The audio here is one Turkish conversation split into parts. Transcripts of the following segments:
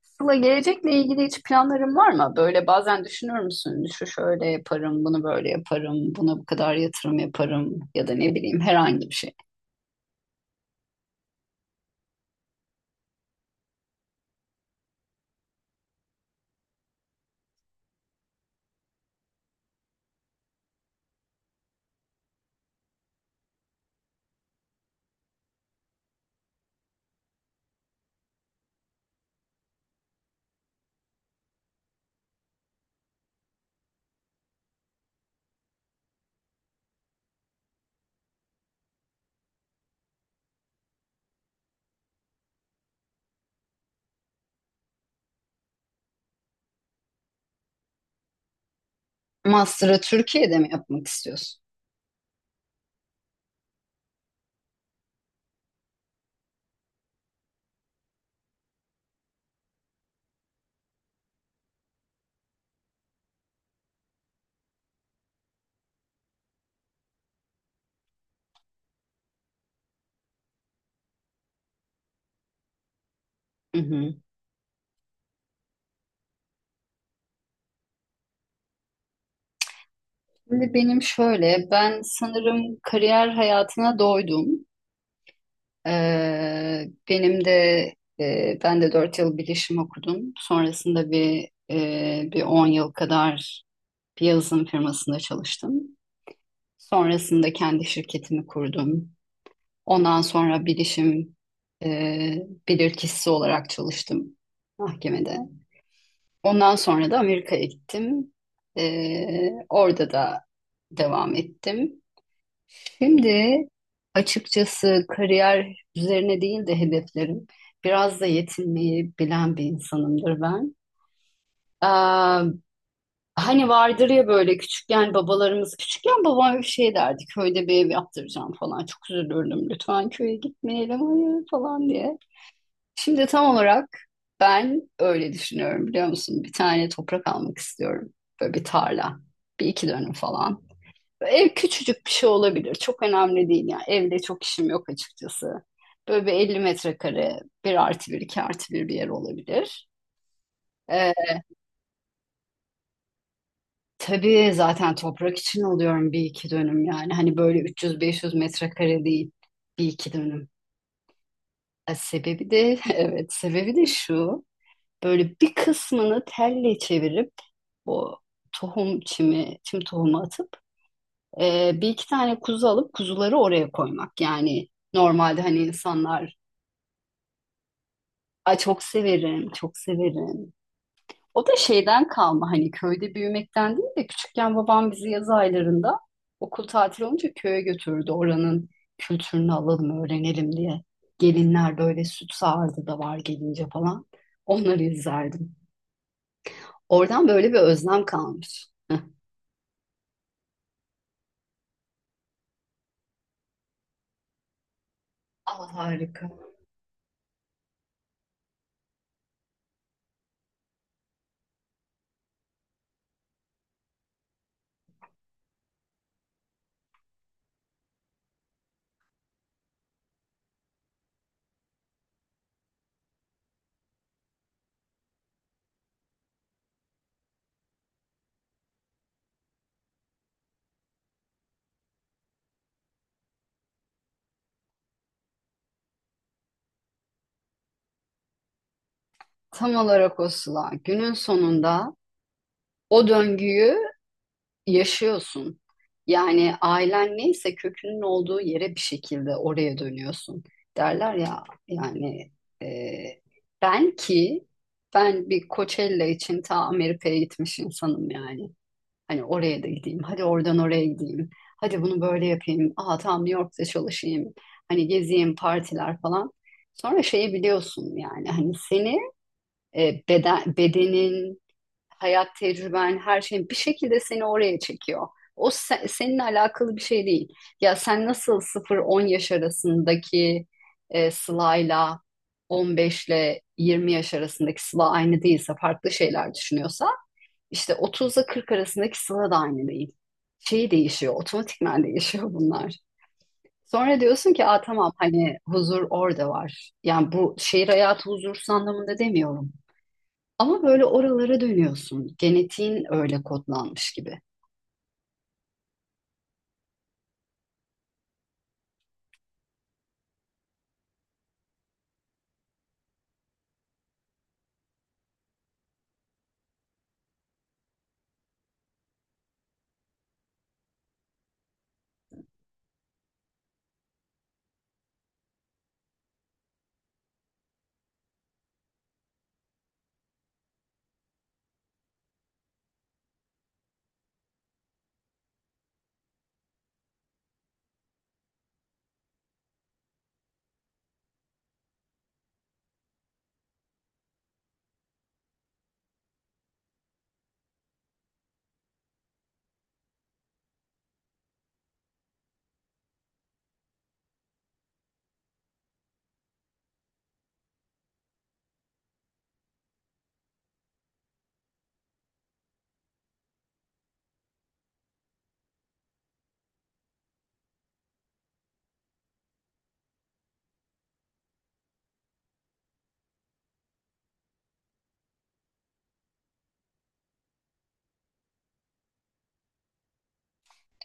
Sıla, gelecekle ilgili hiç planların var mı? Böyle bazen düşünür müsün? Şu şöyle yaparım, bunu böyle yaparım, buna bu kadar yatırım yaparım ya da ne bileyim herhangi bir şey. Master'ı Türkiye'de mi yapmak istiyorsun? Hı hı. Şimdi benim şöyle, ben sanırım kariyer hayatına doydum. Benim de ben de 4 yıl bilişim okudum. Sonrasında bir 10 yıl kadar bir yazılım firmasında çalıştım. Sonrasında kendi şirketimi kurdum. Ondan sonra bilişim e, bilirkişisi olarak çalıştım mahkemede. Ondan sonra da Amerika'ya gittim. Orada da devam ettim. Şimdi açıkçası kariyer üzerine değil de hedeflerim. Biraz da yetinmeyi bilen bir insanımdır ben. Aa, Hani vardır ya böyle küçükken babalarımız küçükken babam bir şey derdi, köyde bir ev yaptıracağım falan, çok üzülürdüm, lütfen köye gitmeyelim hayır falan diye. Şimdi tam olarak ben öyle düşünüyorum biliyor musun? Bir tane toprak almak istiyorum. Böyle bir tarla. Bir iki dönüm falan. Ev küçücük bir şey olabilir. Çok önemli değil yani. Evde çok işim yok açıkçası. Böyle bir 50 metrekare, bir artı bir, iki artı bir bir yer olabilir. Ee, tabii zaten toprak için alıyorum, bir iki dönüm yani. Hani böyle 300-500 metrekare değil. Bir iki dönüm. Sebebi de, evet sebebi de şu. Böyle bir kısmını telle çevirip o çim tohumu atıp bir iki tane kuzu alıp kuzuları oraya koymak. Yani normalde hani insanlar... Ay, çok severim, çok severim. O da şeyden kalma, hani köyde büyümekten değil de küçükken babam bizi yaz aylarında okul tatili olunca köye götürdü. Oranın kültürünü alalım, öğrenelim diye. Gelinler böyle süt sağardı da var gelince falan. Onları izlerdim. Oradan böyle bir özlem kalmış. Aa, harika. Tam olarak o Sıla. Günün sonunda o döngüyü yaşıyorsun. Yani ailen neyse, kökünün olduğu yere bir şekilde oraya dönüyorsun. Derler ya yani, e, ben ki ben bir Coachella için ta Amerika'ya gitmiş insanım yani. Hani oraya da gideyim. Hadi oradan oraya gideyim. Hadi bunu böyle yapayım. Aa, tam New York'ta çalışayım. Hani gezeyim, partiler falan. Sonra şeyi biliyorsun yani, hani seni bedenin, hayat tecrüben, her şeyin bir şekilde seni oraya çekiyor. Seninle alakalı bir şey değil. Ya sen nasıl sıfır on yaş arasındaki Sıla'yla 15 ile 20 yaş arasındaki Sıla aynı değilse, farklı şeyler düşünüyorsa, işte 30 ile 40 arasındaki Sıla da aynı değil. Şey değişiyor, otomatikman değişiyor bunlar. Sonra diyorsun ki, aa, tamam hani huzur orada var. Yani bu şehir hayatı huzursuz anlamında demiyorum. Ama böyle oralara dönüyorsun. Genetiğin öyle kodlanmış gibi.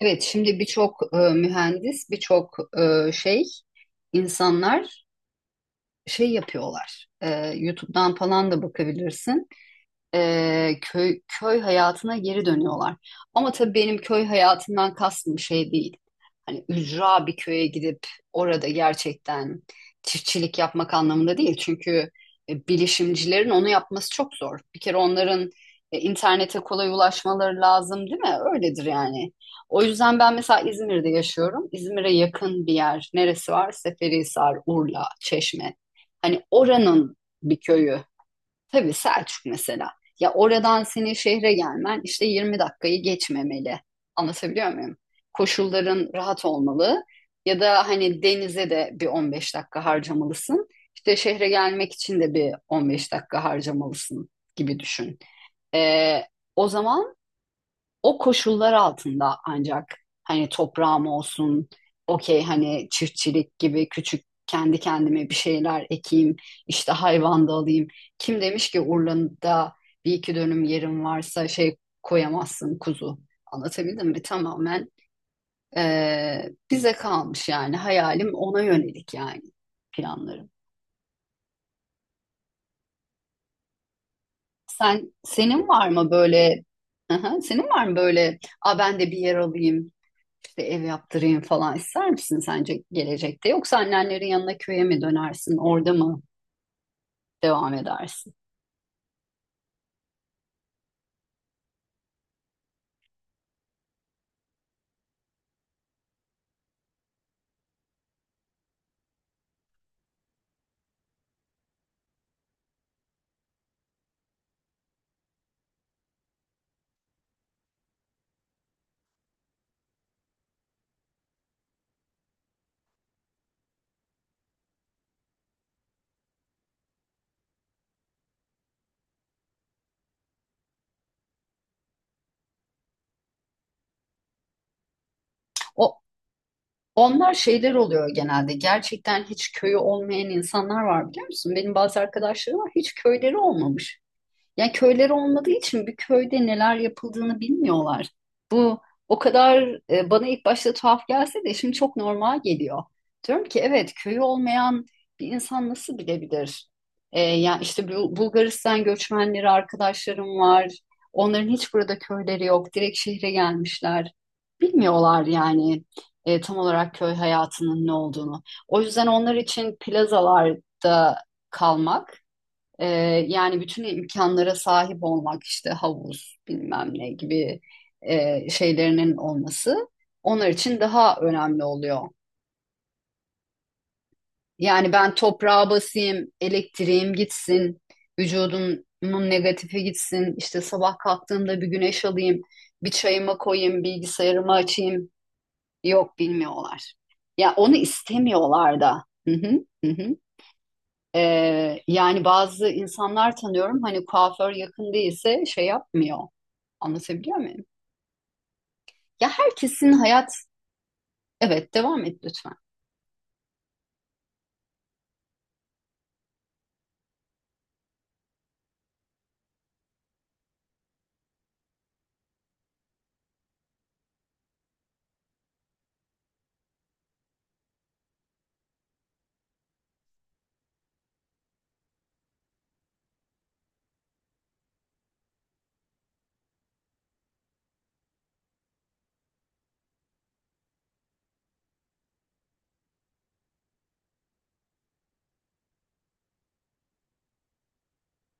Evet, şimdi birçok mühendis, e, şey, insanlar şey yapıyorlar. YouTube'dan falan da bakabilirsin. Köy hayatına geri dönüyorlar. Ama tabii benim köy hayatından kastım şey değil. Hani ücra bir köye gidip orada gerçekten çiftçilik yapmak anlamında değil. Çünkü bilişimcilerin onu yapması çok zor. Bir kere onların internete kolay ulaşmaları lazım, değil mi? Öyledir yani. O yüzden ben mesela İzmir'de yaşıyorum. İzmir'e yakın bir yer neresi var? Seferihisar, Urla, Çeşme. Hani oranın bir köyü. Tabii Selçuk mesela. Ya oradan senin şehre gelmen işte 20 dakikayı geçmemeli. Anlatabiliyor muyum? Koşulların rahat olmalı, ya da hani denize de bir 15 dakika harcamalısın. İşte şehre gelmek için de bir 15 dakika harcamalısın gibi düşün. Ee, O zaman o koşullar altında ancak hani toprağım olsun, okey hani çiftçilik gibi küçük kendi kendime bir şeyler ekeyim, işte hayvan da alayım. Kim demiş ki Urla'da bir iki dönüm yerim varsa şey, koyamazsın kuzu. Anlatabildim mi? Tamamen bize kalmış yani, hayalim ona yönelik yani, planlarım. Sen senin var mı böyle... Aha, senin var mı böyle, a ben de bir yer alayım işte ev yaptırayım falan ister misin sence gelecekte, yoksa annenlerin yanına köye mi dönersin orada mı devam edersin? O onlar şeyler oluyor genelde, gerçekten hiç köyü olmayan insanlar var biliyor musun? Benim bazı arkadaşlarım var, hiç köyleri olmamış. Yani köyleri olmadığı için bir köyde neler yapıldığını bilmiyorlar. Bu o kadar, bana ilk başta tuhaf gelse de şimdi çok normal geliyor. Diyorum ki evet, köyü olmayan bir insan nasıl bilebilir? Yani işte Bulgaristan göçmenleri arkadaşlarım var. Onların hiç burada köyleri yok. Direkt şehre gelmişler. Bilmiyorlar yani tam olarak köy hayatının ne olduğunu. O yüzden onlar için plazalarda kalmak, ee, yani bütün imkanlara sahip olmak, işte havuz bilmem ne gibi şeylerinin olması onlar için daha önemli oluyor. Yani ben toprağa basayım, elektriğim gitsin, vücudumun negatifi gitsin, işte sabah kalktığımda bir güneş alayım, bir çayıma koyayım, bilgisayarımı açayım. Yok, bilmiyorlar. Ya onu istemiyorlar da. Hı hı, hı hı. Yani bazı insanlar tanıyorum, hani kuaför yakın değilse şey yapmıyor. Anlatabiliyor muyum? Ya herkesin hayat... Evet, devam et lütfen.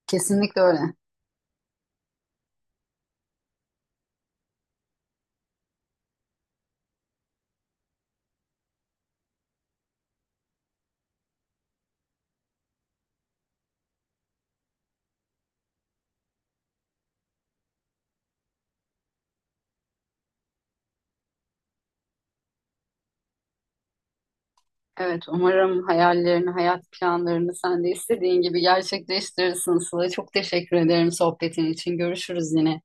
Kesinlikle öyle. Evet, umarım hayallerini, hayat planlarını sen de istediğin gibi gerçekleştirirsin Sıla. Çok teşekkür ederim sohbetin için. Görüşürüz yine.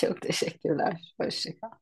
Çok teşekkürler. Hoşça